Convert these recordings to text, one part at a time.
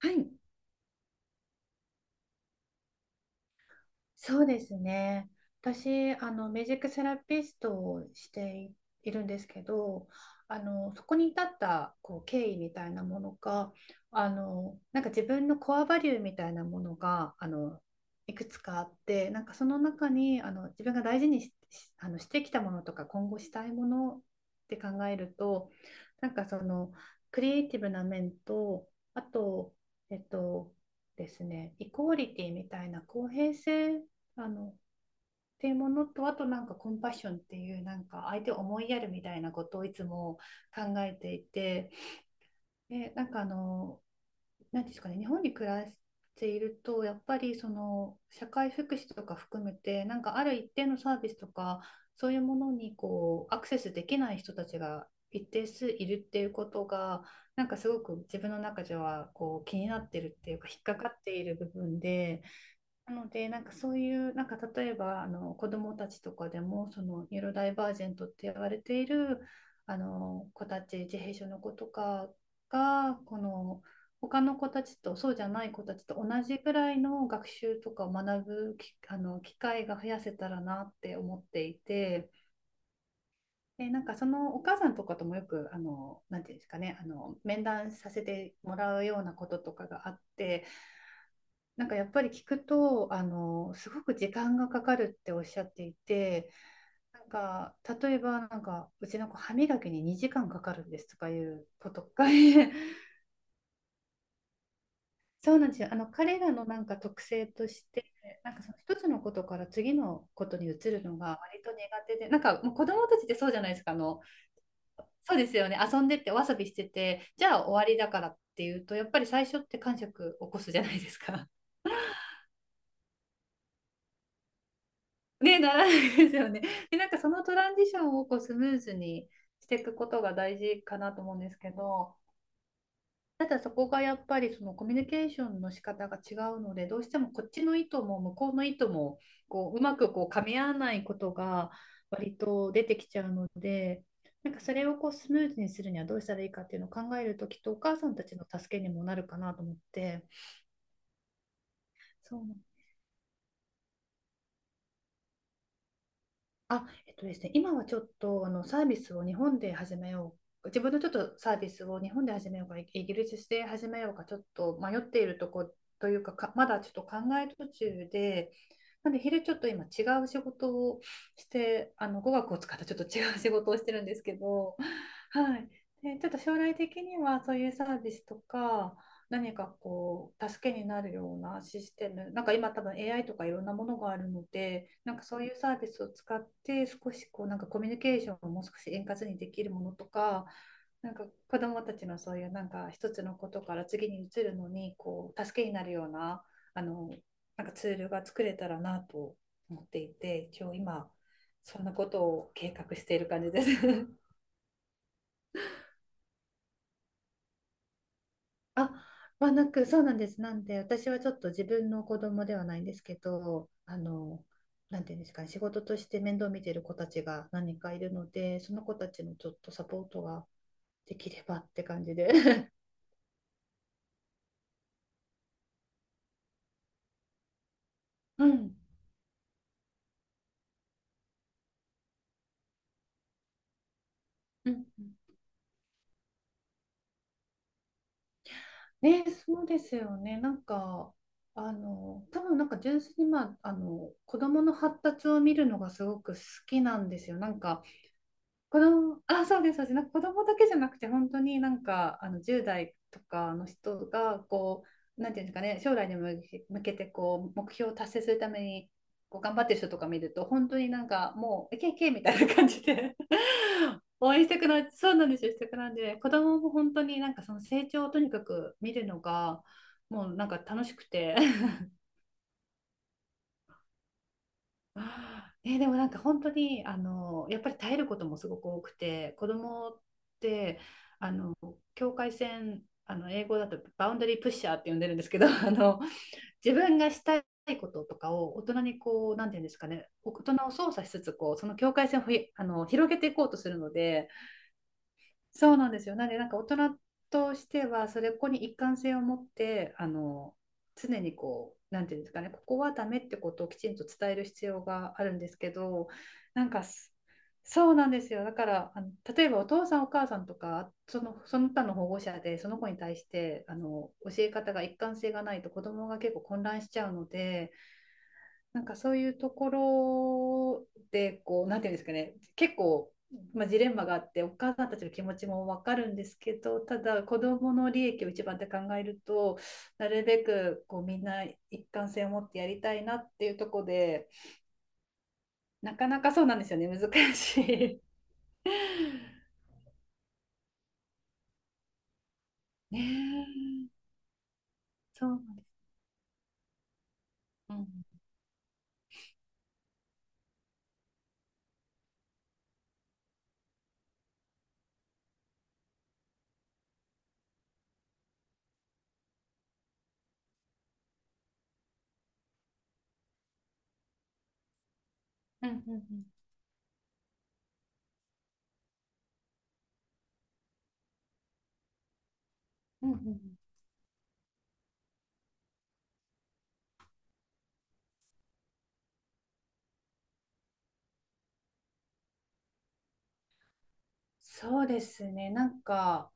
はい。そうですね。私、ミュージックセラピストをしているんですけど、そこに至った、経緯みたいなものが、なんか自分のコアバリューみたいなものが、いくつかあって、なんかその中に、自分が大事にし、してきたものとか、今後したいものって考えると、なんかその、クリエイティブな面と、あと、えっと、ですね、イコーリティみたいな公平性、あの、っていうものと、あとなんかコンパッションっていう、なんか相手を思いやるみたいなことをいつも考えていて、で、何ですかね、日本に暮らしていると、やっぱりその社会福祉とか含めて、なんかある一定のサービスとか、そういうものにこうアクセスできない人たちが一定数いるっていうことが、なんかすごく自分の中ではこう気になってるっていうか、引っかかっている部分で、なので、なんかそういう、なんか例えばあの子どもたちとかでも、そのニューロダイバージェントって言われているあの子たち、自閉症の子とかが、この他の子たちとそうじゃない子たちと同じぐらいの学習とかを学ぶきあの機会が増やせたらなって思っていて、で、なんかそのお母さんとかともよく、なんていうんですかね、あの面談させてもらうようなこととかがあって、なんかやっぱり聞くと、すごく時間がかかるっておっしゃっていて、なんか、例えば、なんか、うちの子、歯磨きに2時間かかるんですとかいうことか、そうなんですよ。あの、彼らのなんか特性として、なんかその一つのことから次のことに移るのが割と苦手で、なんかもう子供たちってそうじゃないですか、あの、そうですよね、遊んでってお遊びしてて、じゃあ終わりだからっていうと、やっぱり最初って感触起こすじゃないですか。ね、ならないですよね。で、なんかそのトランジションをこうスムーズにしていくことが大事かなと思うんですけど、ただそこがやっぱりそのコミュニケーションの仕方が違うので、どうしてもこっちの意図も向こうの意図もこううまくこう噛み合わないことが割と出てきちゃうので、なんかそれをこうスムーズにするにはどうしたらいいかっていうのを考えると、きっとお母さんたちの助けにもなるかなと思って、そう。あ、えっとですね、今はちょっとあのサービスを日本で始めよう、自分のちょっとサービスを日本で始めようか、イギリスで始めようか、ちょっと迷っているとこというか、まだちょっと考え途中で、なんで昼ちょっと今違う仕事をして、あの語学を使ったちょっと違う仕事をしてるんですけど、はい。で、ちょっと将来的にはそういうサービスとか、何かこう助けになるようなシステム、なんか今多分 AI とかいろんなものがあるので、なんかそういうサービスを使って少しこうなんかコミュニケーションをもう少し円滑にできるものとか、なんか子どもたちのそういうなんか一つのことから次に移るのにこう助けになるような、あのなんかツールが作れたらなと思っていて、一応今そんなことを計画している感じです。あ、まあ、なく、そうなんです。なんで、私はちょっと自分の子供ではないんですけど、なんていうんですかね、仕事として面倒見てる子たちが何人かいるので、その子たちのちょっとサポートができればって感じで。うん。うんうん。ね、そうですよね。なんか、多分なんか純粋に、まあ、子供の発達を見るのがすごく好きなんですよ。なんか、子供、あ、そうです、そうです。なんか子供だけじゃなくて、本当になんか、10代とかの人が、こう、なんていうんですかね、将来に向けて、こう、目標を達成するために、こう、頑張ってる人とか見ると、本当になんか、もう、いけいけみたいな感じで 応援してくな、そうなんですよ、してくなんで、子供も本当になんか、その成長をとにかく見るのが、もうなんか楽しくて あー、えー、でもなんか本当にあのやっぱり耐えることもすごく多くて、子供って、あの、境界線、あの、英語だとバウンダリープッシャーって呼んでるんですけど あの、自分がしたいこととかを大人にこうなんていうんですかね、大人を操作しつつこうその境界線をふいあの広げていこうとするので、そうなんですよ。なんで、なんか大人としては、それここに一貫性を持って、あの、常にこう、なんていうんですかね、ここはダメってことをきちんと伝える必要があるんですけど、なんかす、そうなんですよ。だから、あの、例えばお父さんお母さんとか、その、その他の保護者で、その子に対して、あの、教え方が一貫性がないと子供が結構混乱しちゃうので、なんかそういうところでこう、なんていうんですかね、結構、まあ、ジレンマがあって、お母さんたちの気持ちもわかるんですけど、ただ子どもの利益を一番って考えると、なるべくこうみんな一貫性を持ってやりたいなっていうところで、なかなかそうなんですよね、難しい。ねえ、そうなんです。うんうんうんうんうんうん。そうですね、なんか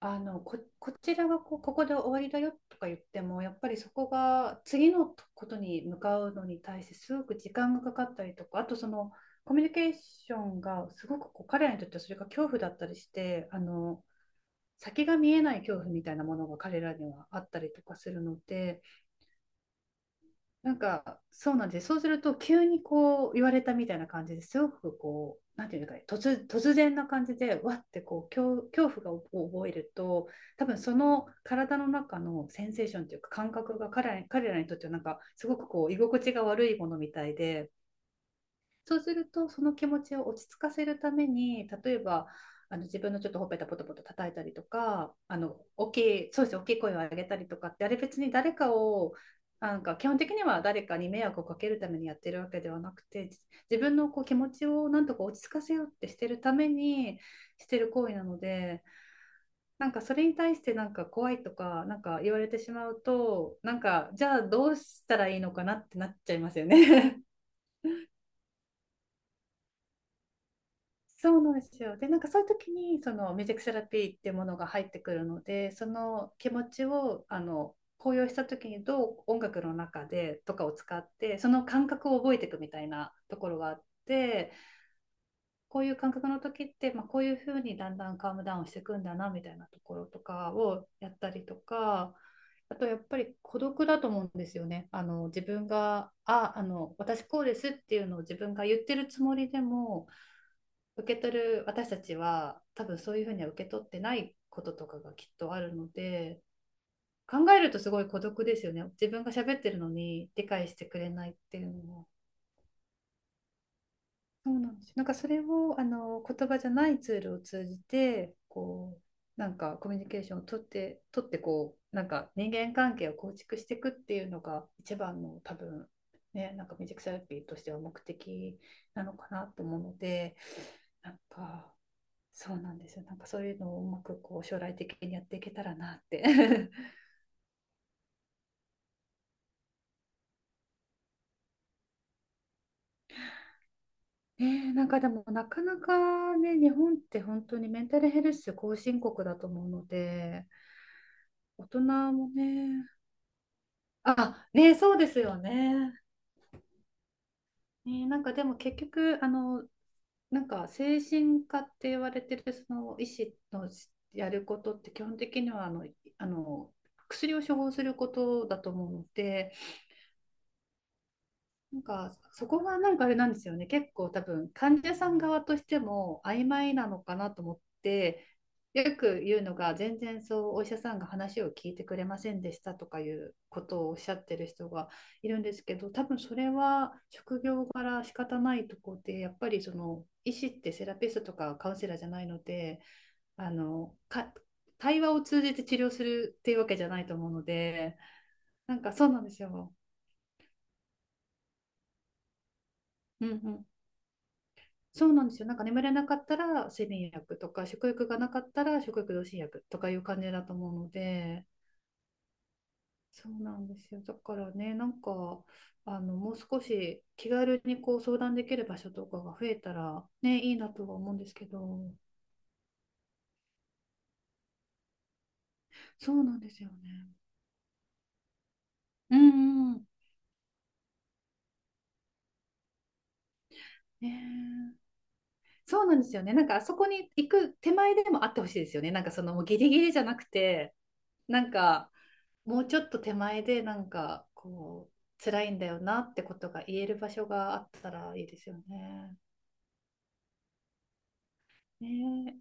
こちらがこう、ここで終わりだよとか言っても、やっぱりそこが次のことに向かうのに対してすごく時間がかかったりとか、あとそのコミュニケーションがすごくこう彼らにとってはそれが恐怖だったりして、あの先が見えない恐怖みたいなものが彼らにはあったりとかするので、なんか、そうなんです。そうすると、急にこう言われたみたいな感じですごくこう、なんていうかね、突然な感じで、わってこう、恐怖がを覚えると、多分その体の中のセンセーションというか感覚が彼らにとってはなんか、すごくこう、居心地が悪いものみたいで、そうすると、その気持ちを落ち着かせるために、例えば、自分のちょっとほっぺたポトポト叩いたりとか、あの大きい、そうですね、大きい声を上げたりとかって、あれ別に誰かを、なんか基本的には誰かに迷惑をかけるためにやってるわけではなくて、自分のこう気持ちをなんとか落ち着かせようってしてるためにしてる行為なので、なんかそれに対してなんか怖いとか、なんか言われてしまうと、なんかじゃあどうしたらいいのかなってなっちゃいますよね。そうなんですよ。で、なんかそういう時にそのミュージックセラピーってものが入ってくるので、その気持ちを高揚した時にどう音楽の中でとかを使ってその感覚を覚えていくみたいなところがあって、こういう感覚の時って、まあ、こういうふうにだんだんカームダウンしていくんだなみたいなところとかをやったりとか、あとやっぱり孤独だと思うんですよね。あの自分が、あ、あの私こうですっていうのを自分が言ってるつもりでも、受け取る私たちは多分そういうふうには受け取ってないこととかがきっとあるので、考えるとすごい孤独ですよね。自分が喋ってるのに理解してくれないっていうのは。そうなんです。なんかそれをあの言葉じゃないツールを通じてこうなんかコミュニケーションを取ってこうなんか人間関係を構築していくっていうのが一番の多分ね、なんかミュージックセラピーとしては目的なのかなと思うので、なんかそうなんですよ。なんかそういうのをうまくこう将来的にやっていけたらなって ねえ、なんかでもなかなかね、日本って本当にメンタルヘルス後進国だと思うので、大人もね、あ、ね、そうですよね。ね、なんかでも結局、あの、なんか精神科って言われてるその医師のやることって基本的にはあの薬を処方することだと思うので、なんかそこがなんかあれなんですよね。結構多分患者さん側としても曖昧なのかなと思って、よく言うのが全然そうお医者さんが話を聞いてくれませんでしたとかいうことをおっしゃってる人がいるんですけど、多分それは職業柄仕方ないとこで、やっぱりその医師ってセラピストとかカウンセラーじゃないので、あのか対話を通じて治療するっていうわけじゃないと思うので、なんかそうなんですよ。うんうん、そうなんですよ。なんか眠れなかったら睡眠薬とか、食欲がなかったら食欲増進薬とかいう感じだと思うので、そうなんですよ。だからね、なんか、もう少し気軽にこう相談できる場所とかが増えたら、ね、いいなとは思うんですけど、そうなんですよね。うんうん。ねえ、そうなんですよね。なんかあそこに行く手前でもあってほしいですよね。なんかそのもうギリギリじゃなくて、なんかもうちょっと手前でなんかこう辛いんだよなってことが言える場所があったらいいですよね。ねえ、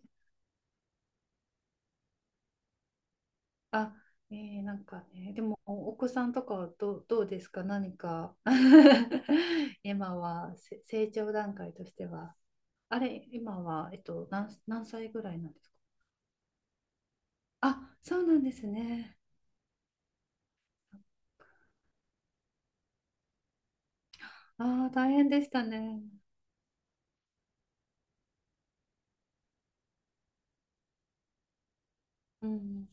あ、ねえなんかね、でもお子さんとかはどうですか、何か。 今は成長段階としては。あれ、今は、何歳ぐらいなんですか？あ、そうなんですね。ああ、大変でしたね。うん。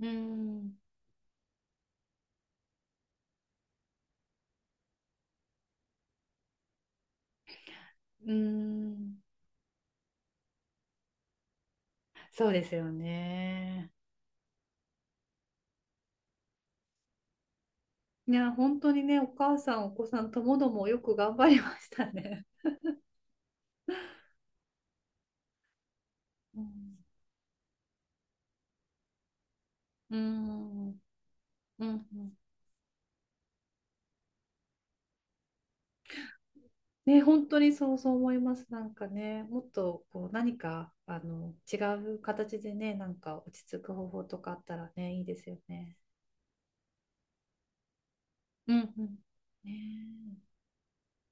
うん。うん。そうですよね。いや、本当にね、お母さん、お子さんともどもよく頑張りましたね。うん、うん、うん、うん、ね、本当にそう思います。なんかね、もっとこう何か違う形でね、なんか落ち着く方法とかあったらね、いいですよね。うんうん。ねえ。